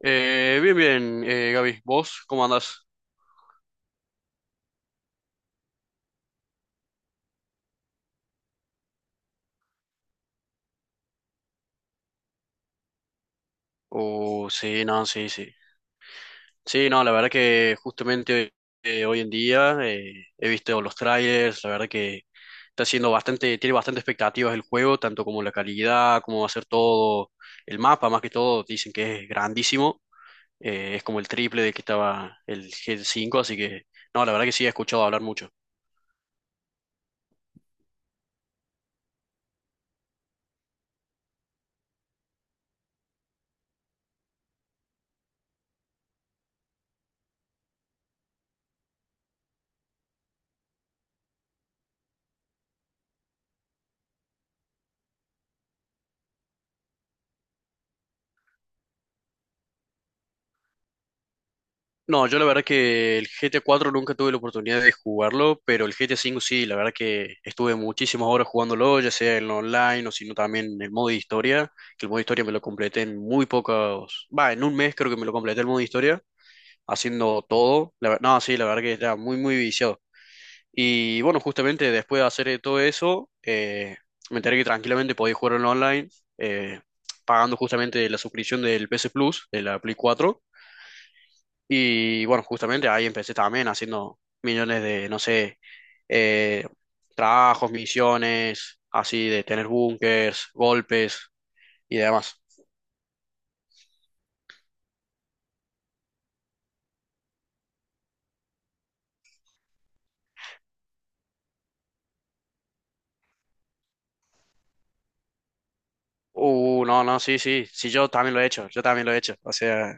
Bien, bien, Gaby, ¿vos cómo andás? Oh, sí, no, sí, sí. Sí, no, la verdad que justamente hoy en día he visto los trailers, la verdad que está siendo bastante, tiene bastante expectativas el juego, tanto como la calidad, cómo va a ser todo, el mapa más que todo, dicen que es grandísimo. Es como el triple de que estaba el g cinco, así que no, la verdad que sí he escuchado hablar mucho. No, yo la verdad que el GT 4 nunca tuve la oportunidad de jugarlo, pero el GT 5 sí, la verdad que estuve muchísimas horas jugándolo, ya sea en online o sino también en el modo de historia, que el modo de historia me lo completé en muy pocos, va, en un mes creo que me lo completé el modo de historia, haciendo todo, no, sí, la verdad que estaba muy, muy viciado. Y bueno, justamente después de hacer todo eso, me enteré que tranquilamente podía jugar en online, eh, pagando justamente la suscripción del PS Plus, de la Play 4. Y bueno, justamente ahí empecé también haciendo millones de, no sé, eh, trabajos, misiones, así de tener búnkers, golpes y demás. No, no, sí, sí, sí, yo también lo he hecho, yo también lo he hecho. O sea,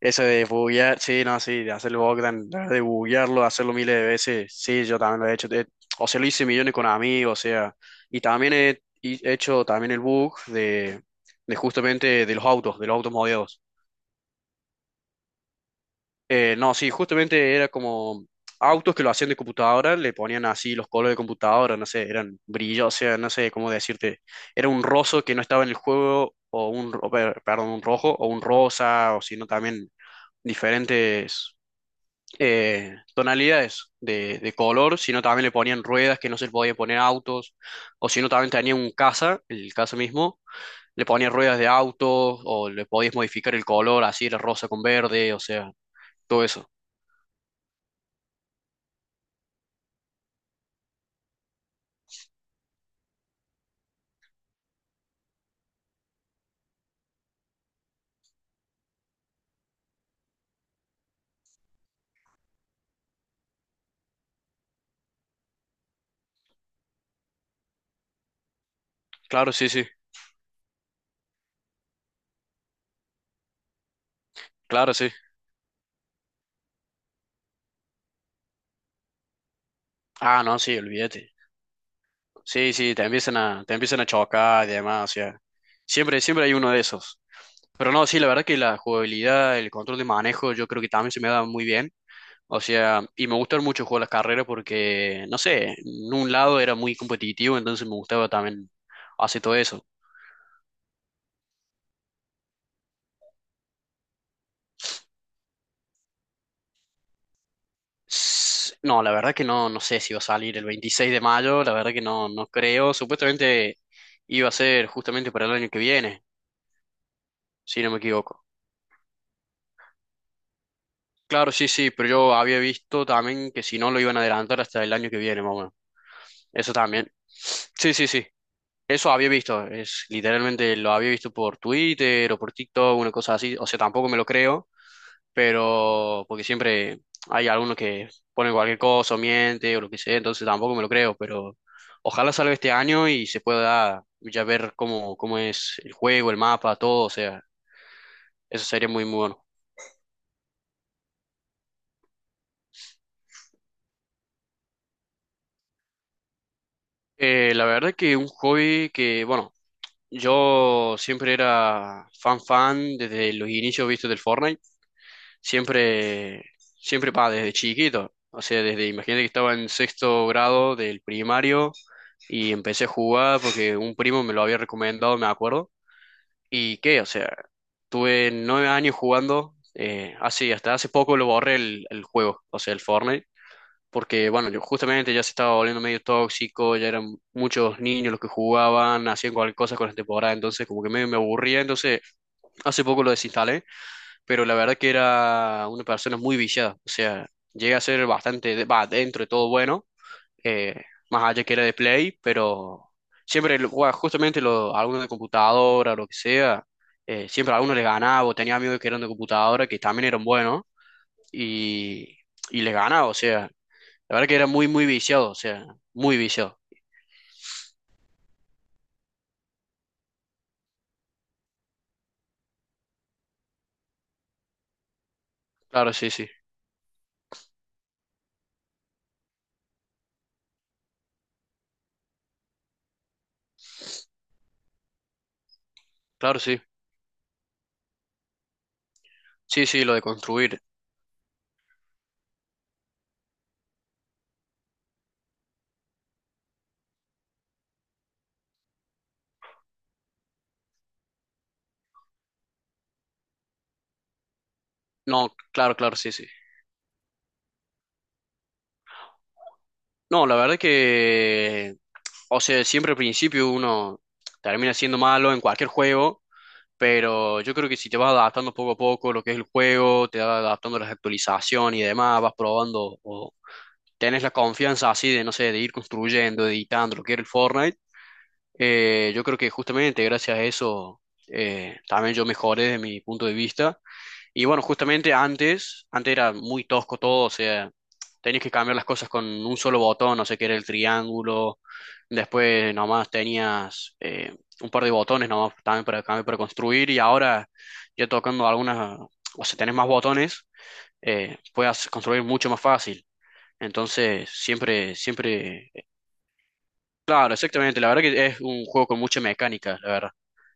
eso de buguear, sí, no, sí, de hacer el Bogdan, de buguearlo, hacerlo miles de veces, sí, yo también lo he hecho. O sea, lo hice millones con amigos, o sea, y también he hecho también el bug de justamente de los autos modeados. No, sí, justamente era como autos que lo hacían de computadora, le ponían así los colores de computadora, no sé, eran brillos, o sea, no sé cómo decirte. Era un roso que no estaba en el juego, o un, perdón, un rojo, o un rosa, o sino también diferentes tonalidades de color, sino también le ponían ruedas que no se le podía poner a autos, o sino también tenía un casa, el casa mismo, le ponían ruedas de autos, o le podías modificar el color, así era rosa con verde, o sea, todo eso. Claro, sí, sí. Claro, sí. Ah, no, sí, olvídate. Sí, sí, te empiezan a chocar y demás, o sea, siempre, siempre hay uno de esos. Pero no, sí, la verdad que la jugabilidad, el control de manejo, yo creo que también se me da muy bien. O sea, y me gustan mucho jugar las carreras porque, no sé, en un lado era muy competitivo, entonces me gustaba también hacer todo eso. No, la verdad que no, no sé si va a salir el 26 de mayo, la verdad que no, no creo. Supuestamente iba a ser justamente para el año que viene, si no me equivoco. Claro, sí, sí, pero yo había visto también que si no lo iban a adelantar hasta el año que viene, más o menos. Eso también. Sí, sí, sí. Eso había visto. Es literalmente lo había visto por Twitter o por TikTok, una cosa así. O sea, tampoco me lo creo, pero porque siempre hay algunos que ponen cualquier cosa o miente o lo que sea, entonces tampoco me lo creo, pero ojalá salga este año y se pueda ya ver cómo es el juego, el mapa, todo. O sea, eso sería muy, muy bueno. La verdad que un hobby que, bueno, yo siempre era fan fan desde los inicios vistos del Fortnite, siempre, siempre, pa, desde chiquito, o sea, desde, imagínate que estaba en sexto grado del primario y empecé a jugar porque un primo me lo había recomendado, me acuerdo, y qué, o sea, tuve 9 años jugando, así, hasta hace poco lo borré el juego, o sea, el Fortnite porque bueno, yo justamente ya se estaba volviendo medio tóxico, ya eran muchos niños los que jugaban, hacían cualquier cosa con la temporada, entonces como que medio me aburría, entonces hace poco lo desinstalé, pero la verdad que era una persona muy viciada, o sea, llega a ser bastante, va, dentro de todo bueno, eh, más allá que era de Play, pero siempre, bueno, justamente algunos de computadora, lo que sea, siempre a algunos les ganaba, o tenía amigos que eran de computadora, que también eran buenos, y, y les ganaba, o sea. La verdad que era muy, muy viciado, o sea, muy viciado. Claro, sí, sí. Claro, sí. Sí, sí, lo de construir. No, claro, claro, sí, sí. No, la verdad que, o sea, siempre al principio uno termina siendo malo en cualquier juego, pero yo creo que si te vas adaptando poco a poco lo que es el juego, te vas adaptando a las actualizaciones y demás, vas probando o tenés la confianza así de, no sé, de ir construyendo, editando lo que era el Fortnite. Yo creo que justamente gracias a eso también yo mejoré desde mi punto de vista. Y bueno, justamente antes, antes era muy tosco todo, o sea, tenías que cambiar las cosas con un solo botón, no sé qué era el triángulo, después nomás tenías un par de botones nomás también para cambiar, para construir, y ahora ya tocando algunas, o sea, tenés más botones, puedes construir mucho más fácil. Entonces, siempre, siempre, claro, exactamente, la verdad que es un juego con mucha mecánica, la verdad.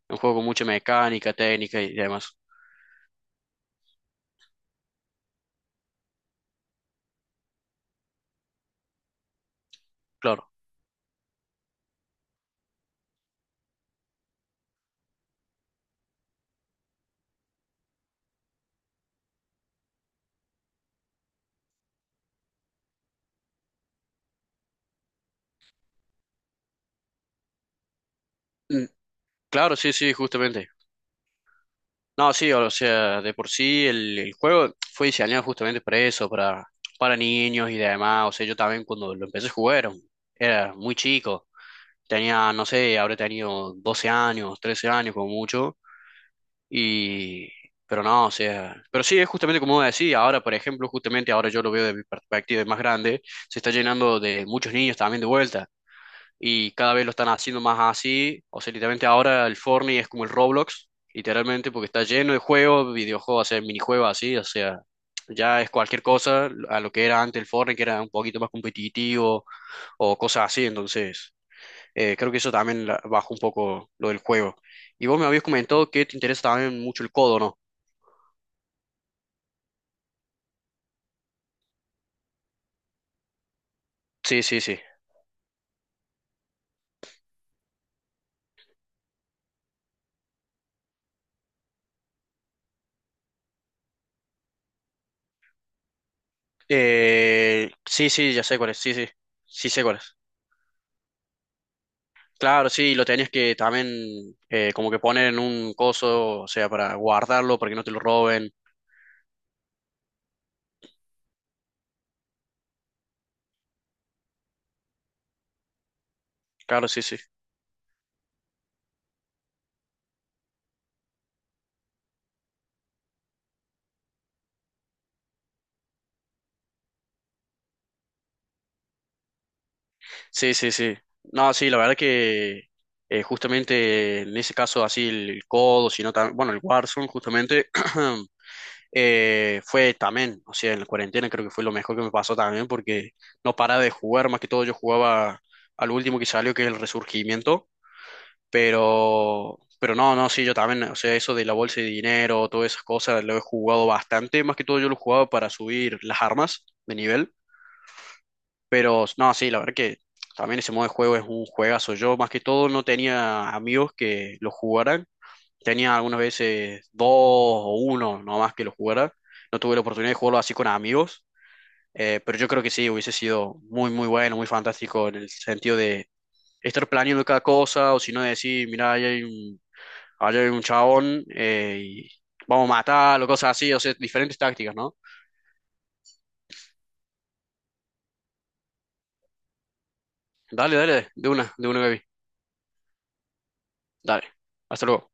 Un juego con mucha mecánica, técnica y demás. Claro. Claro, sí, sí, justamente. No, sí, o sea, de por sí el juego fue diseñado justamente para eso, para niños y demás. O sea, yo también cuando lo empecé a jugar era muy chico. Tenía, no sé, habré tenido 12 años, 13 años como mucho. Y, pero no, o sea, pero sí, es justamente como decía, ahora, por ejemplo, justamente ahora yo lo veo de mi perspectiva de más grande, se está llenando de muchos niños también de vuelta y cada vez lo están haciendo más así. O sea, literalmente ahora el Fortnite es como el Roblox, literalmente, porque está lleno de juegos, videojuegos, o sea, minijuegos así, o sea, ya es cualquier cosa a lo que era antes el Fortnite, que era un poquito más competitivo o cosas así, entonces creo que eso también bajó un poco lo del juego. Y vos me habías comentado que te interesa también mucho el codo, ¿no? Sí, sí, sí. Sí, sí, ya sé cuál es, sí, sí, sí sé cuál es. Claro, sí, lo tenías que también como que poner en un coso, o sea, para guardarlo, para que no te lo roben. Claro, sí, sí. Sí, sí, sí. No, sí, la verdad que justamente en ese caso así el codo, sino también, bueno, el Warzone justamente fue también, o sea, en la cuarentena creo que fue lo mejor que me pasó también porque no paraba de jugar, más que todo yo jugaba al último que salió, que es el Resurgimiento. Pero no, no, sí, yo también, o sea, eso de la bolsa de dinero, todas esas cosas, lo he jugado bastante. Más que todo yo lo he jugado para subir las armas de nivel. Pero no, sí, la verdad que también ese modo de juego es un juegazo. Yo más que todo no tenía amigos que lo jugaran. Tenía algunas veces dos o uno nomás que lo jugara. No tuve la oportunidad de jugarlo así con amigos. Pero yo creo que sí, hubiese sido muy, muy bueno, muy fantástico en el sentido de estar planeando cada cosa, o si no decir, mira, ahí hay un vaya, un chabón, y vamos a matarlo, cosas así, o sea, diferentes tácticas, ¿no? Dale, dale, de una, baby. Dale. Hasta luego.